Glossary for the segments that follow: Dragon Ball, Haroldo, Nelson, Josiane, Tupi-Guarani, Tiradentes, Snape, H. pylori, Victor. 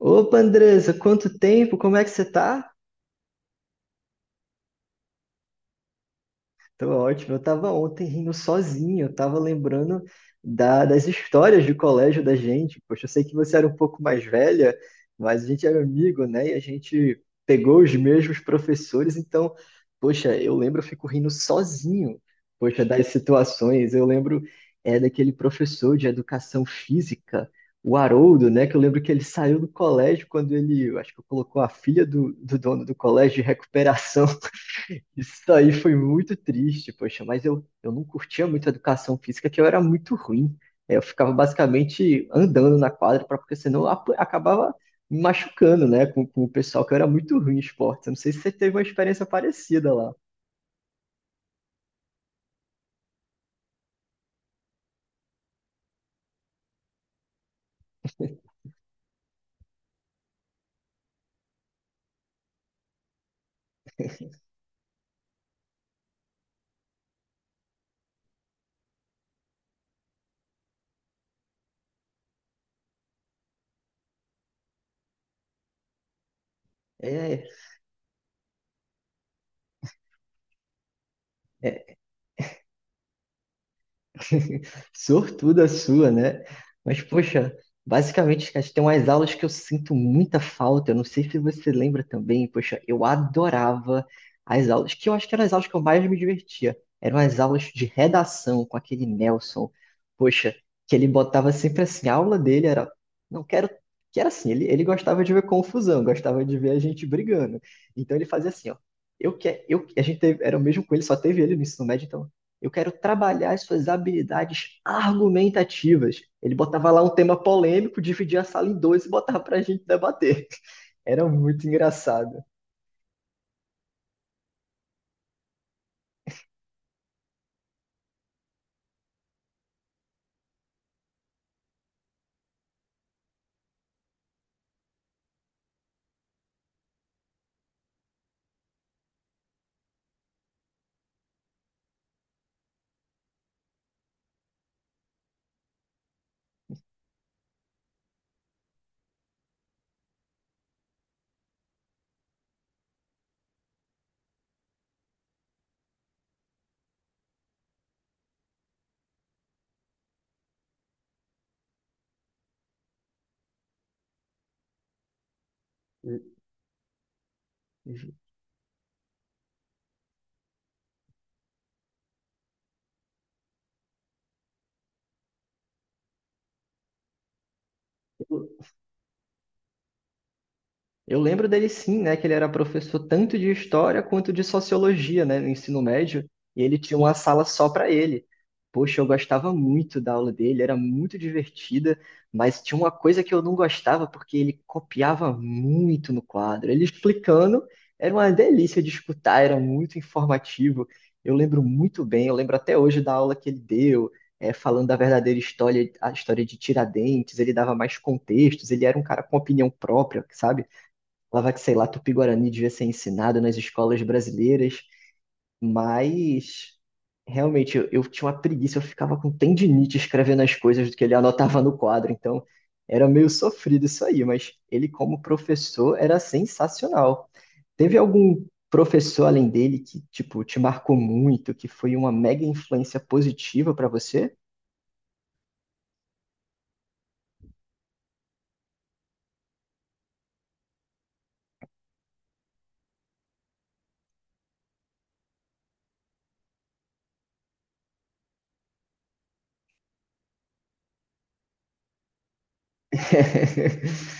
Opa, Andressa, quanto tempo? Como é que você tá? Tô ótimo. Eu tava ontem rindo sozinho, eu tava lembrando das histórias do colégio da gente. Poxa, eu sei que você era um pouco mais velha, mas a gente era amigo, né? E a gente pegou os mesmos professores, então, poxa, eu lembro, eu fico rindo sozinho, poxa, das situações. Eu lembro é daquele professor de educação física, o Haroldo, né? Que eu lembro que ele saiu do colégio quando ele, eu acho que colocou a filha do dono do colégio de recuperação. Isso aí foi muito triste, poxa, mas eu não curtia muito a educação física, que eu era muito ruim. É, eu ficava basicamente andando na quadra, pra, porque senão eu acabava me machucando, né, com o pessoal, que eu era muito ruim em esporte. Eu não sei se você teve uma experiência parecida lá. É. Sortuda sua, né? Mas, poxa, basicamente, cara, tem umas aulas que eu sinto muita falta. Eu não sei se você lembra também. Poxa, eu adorava as aulas, que eu acho que eram as aulas que eu mais me divertia. Eram as aulas de redação com aquele Nelson. Poxa, que ele botava sempre assim, a aula dele era. Não quero. Que era assim, ele gostava de ver confusão, gostava de ver a gente brigando. Então ele fazia assim, ó. Eu que, eu, a gente teve, era o mesmo com ele, só teve ele no ensino médio, então eu quero trabalhar as suas habilidades argumentativas. Ele botava lá um tema polêmico, dividia a sala em dois e botava para a gente debater. Era muito engraçado. Eu lembro dele sim, né, que ele era professor tanto de história quanto de sociologia, né, no ensino médio, e ele tinha uma sala só para ele. Poxa, eu gostava muito da aula dele, era muito divertida, mas tinha uma coisa que eu não gostava porque ele copiava muito no quadro. Ele explicando, era uma delícia de escutar, era muito informativo. Eu lembro muito bem, eu lembro até hoje da aula que ele deu, falando da verdadeira história, a história de Tiradentes, ele dava mais contextos, ele era um cara com opinião própria, sabe? Falava que, sei lá, Tupi-Guarani devia ser ensinado nas escolas brasileiras, mas realmente eu tinha uma preguiça, eu ficava com tendinite escrevendo as coisas do que ele anotava no quadro, então era meio sofrido isso aí, mas ele, como professor, era sensacional. Teve algum professor além dele que, tipo, te marcou muito, que foi uma mega influência positiva pra você?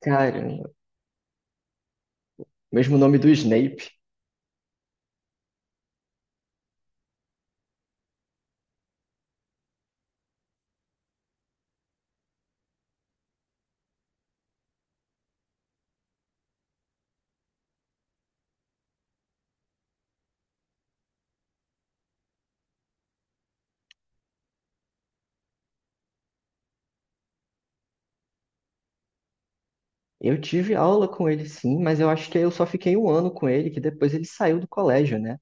Cara, mesmo nome do Snape. Eu tive aula com ele sim, mas eu acho que eu só fiquei um ano com ele, que depois ele saiu do colégio, né?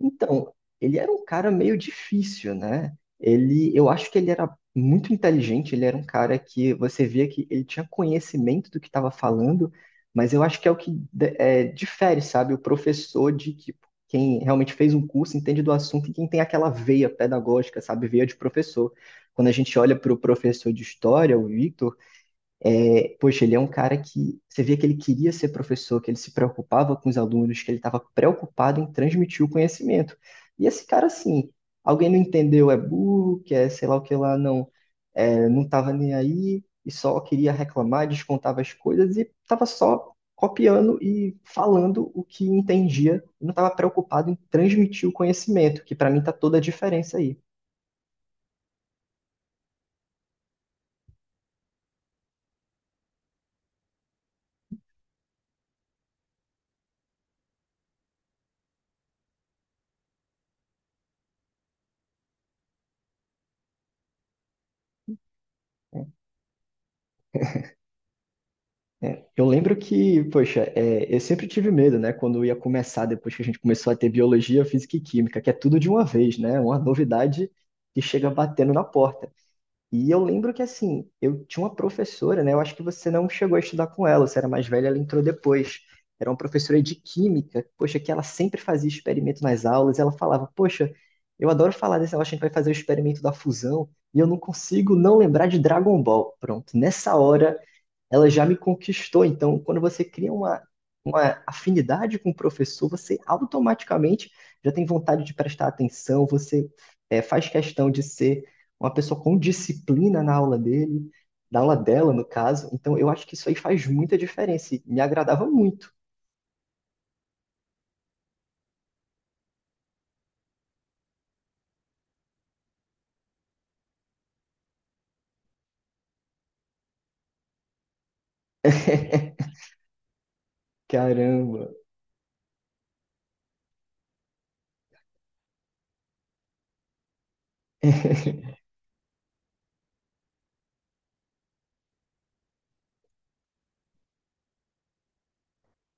Então, ele era um cara meio difícil, né? Ele, eu acho que ele era muito inteligente, ele era um cara que você via que ele tinha conhecimento do que estava falando, mas eu acho que é o que difere, sabe? O professor de que quem realmente fez um curso entende do assunto e quem tem aquela veia pedagógica, sabe? Veia de professor. Quando a gente olha para o professor de história, o Victor poxa, ele é um cara que você via que ele queria ser professor, que ele se preocupava com os alunos, que ele estava preocupado em transmitir o conhecimento. E esse cara, assim, alguém não entendeu, é burro, que é sei lá o que lá, não, não estava nem aí e só queria reclamar, descontava as coisas e estava só copiando e falando o que entendia, não estava preocupado em transmitir o conhecimento, que para mim está toda a diferença aí. É, eu lembro que, poxa, é, eu sempre tive medo, né? Quando eu ia começar, depois que a gente começou a ter biologia, física e química, que é tudo de uma vez, né? Uma novidade que chega batendo na porta. E eu lembro que, assim, eu tinha uma professora, né? Eu acho que você não chegou a estudar com ela, você era mais velha, ela entrou depois. Era uma professora de química, poxa, que ela sempre fazia experimento nas aulas. Ela falava, poxa, eu adoro falar desse negócio, a gente vai fazer o experimento da fusão, e eu não consigo não lembrar de Dragon Ball. Pronto, nessa hora ela já me conquistou. Então, quando você cria uma afinidade com o professor, você automaticamente já tem vontade de prestar atenção, você faz questão de ser uma pessoa com disciplina na aula dele, na aula dela, no caso. Então, eu acho que isso aí faz muita diferença e me agradava muito. Caramba,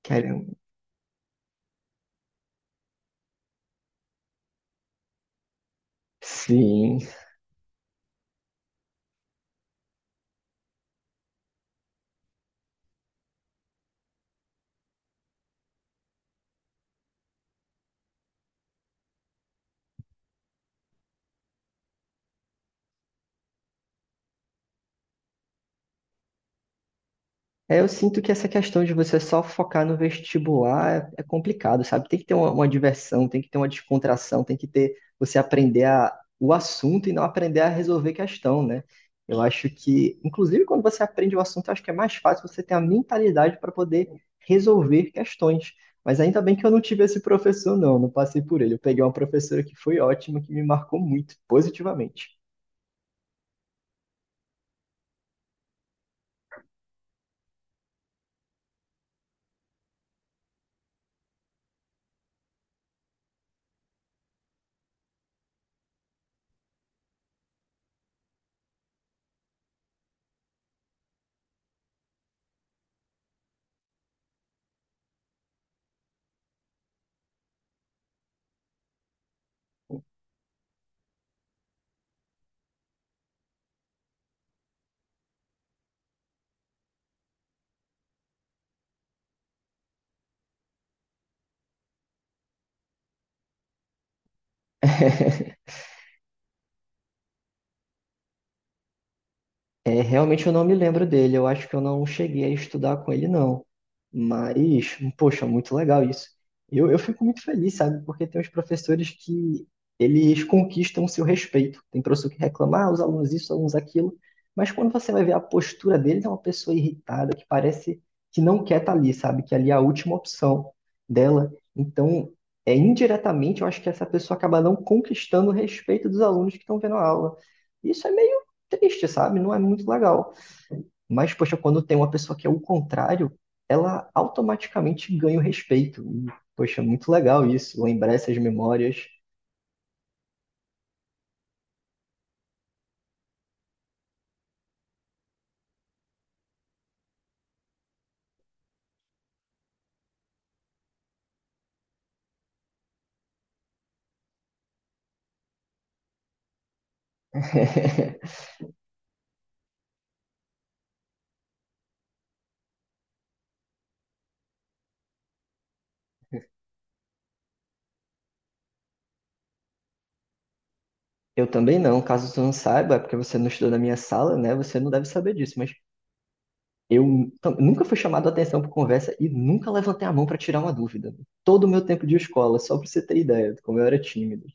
caramba. Sim. É, eu sinto que essa questão de você só focar no vestibular é, é complicado, sabe? Tem que ter uma diversão, tem que ter uma descontração, tem que ter você aprender a, o assunto e não aprender a resolver questão, né? Eu acho que, inclusive, quando você aprende o assunto, eu acho que é mais fácil você ter a mentalidade para poder resolver questões. Mas ainda bem que eu não tive esse professor, não, não passei por ele. Eu peguei uma professora que foi ótima, que me marcou muito, positivamente. É, realmente eu não me lembro dele. Eu acho que eu não cheguei a estudar com ele, não. Mas, poxa, muito legal isso. Eu fico muito feliz, sabe? Porque tem uns professores que eles conquistam o seu respeito. Tem professor que reclama, ah, os alunos isso, os alunos aquilo. Mas quando você vai ver a postura deles, é uma pessoa irritada, que parece que não quer estar ali, sabe? Que ali é a última opção dela. Então, indiretamente, eu acho que essa pessoa acaba não conquistando o respeito dos alunos que estão vendo a aula. Isso é meio triste, sabe? Não é muito legal. Mas, poxa, quando tem uma pessoa que é o contrário, ela automaticamente ganha o respeito. E, poxa, muito legal isso, lembrar essas memórias. Eu também não, caso tu não saiba, é porque você não estudou na minha sala, né? Você não deve saber disso, mas eu nunca fui chamado a atenção por conversa e nunca levantei a mão para tirar uma dúvida. Todo o meu tempo de escola, só para você ter ideia de como eu era tímido.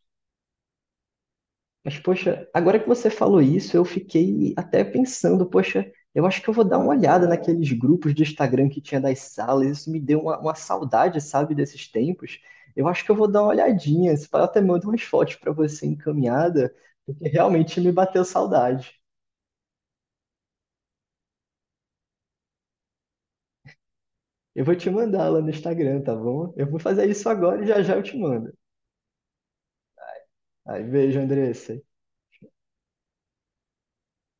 Mas, poxa, agora que você falou isso, eu fiquei até pensando, poxa, eu acho que eu vou dar uma olhada naqueles grupos de Instagram que tinha das salas, isso me deu uma saudade, sabe, desses tempos. Eu acho que eu vou dar uma olhadinha, se pá, eu até mando umas fotos para você encaminhada, porque realmente me bateu saudade. Eu vou te mandar lá no Instagram, tá bom? Eu vou fazer isso agora e já já eu te mando. Aí, beijo, Andressa.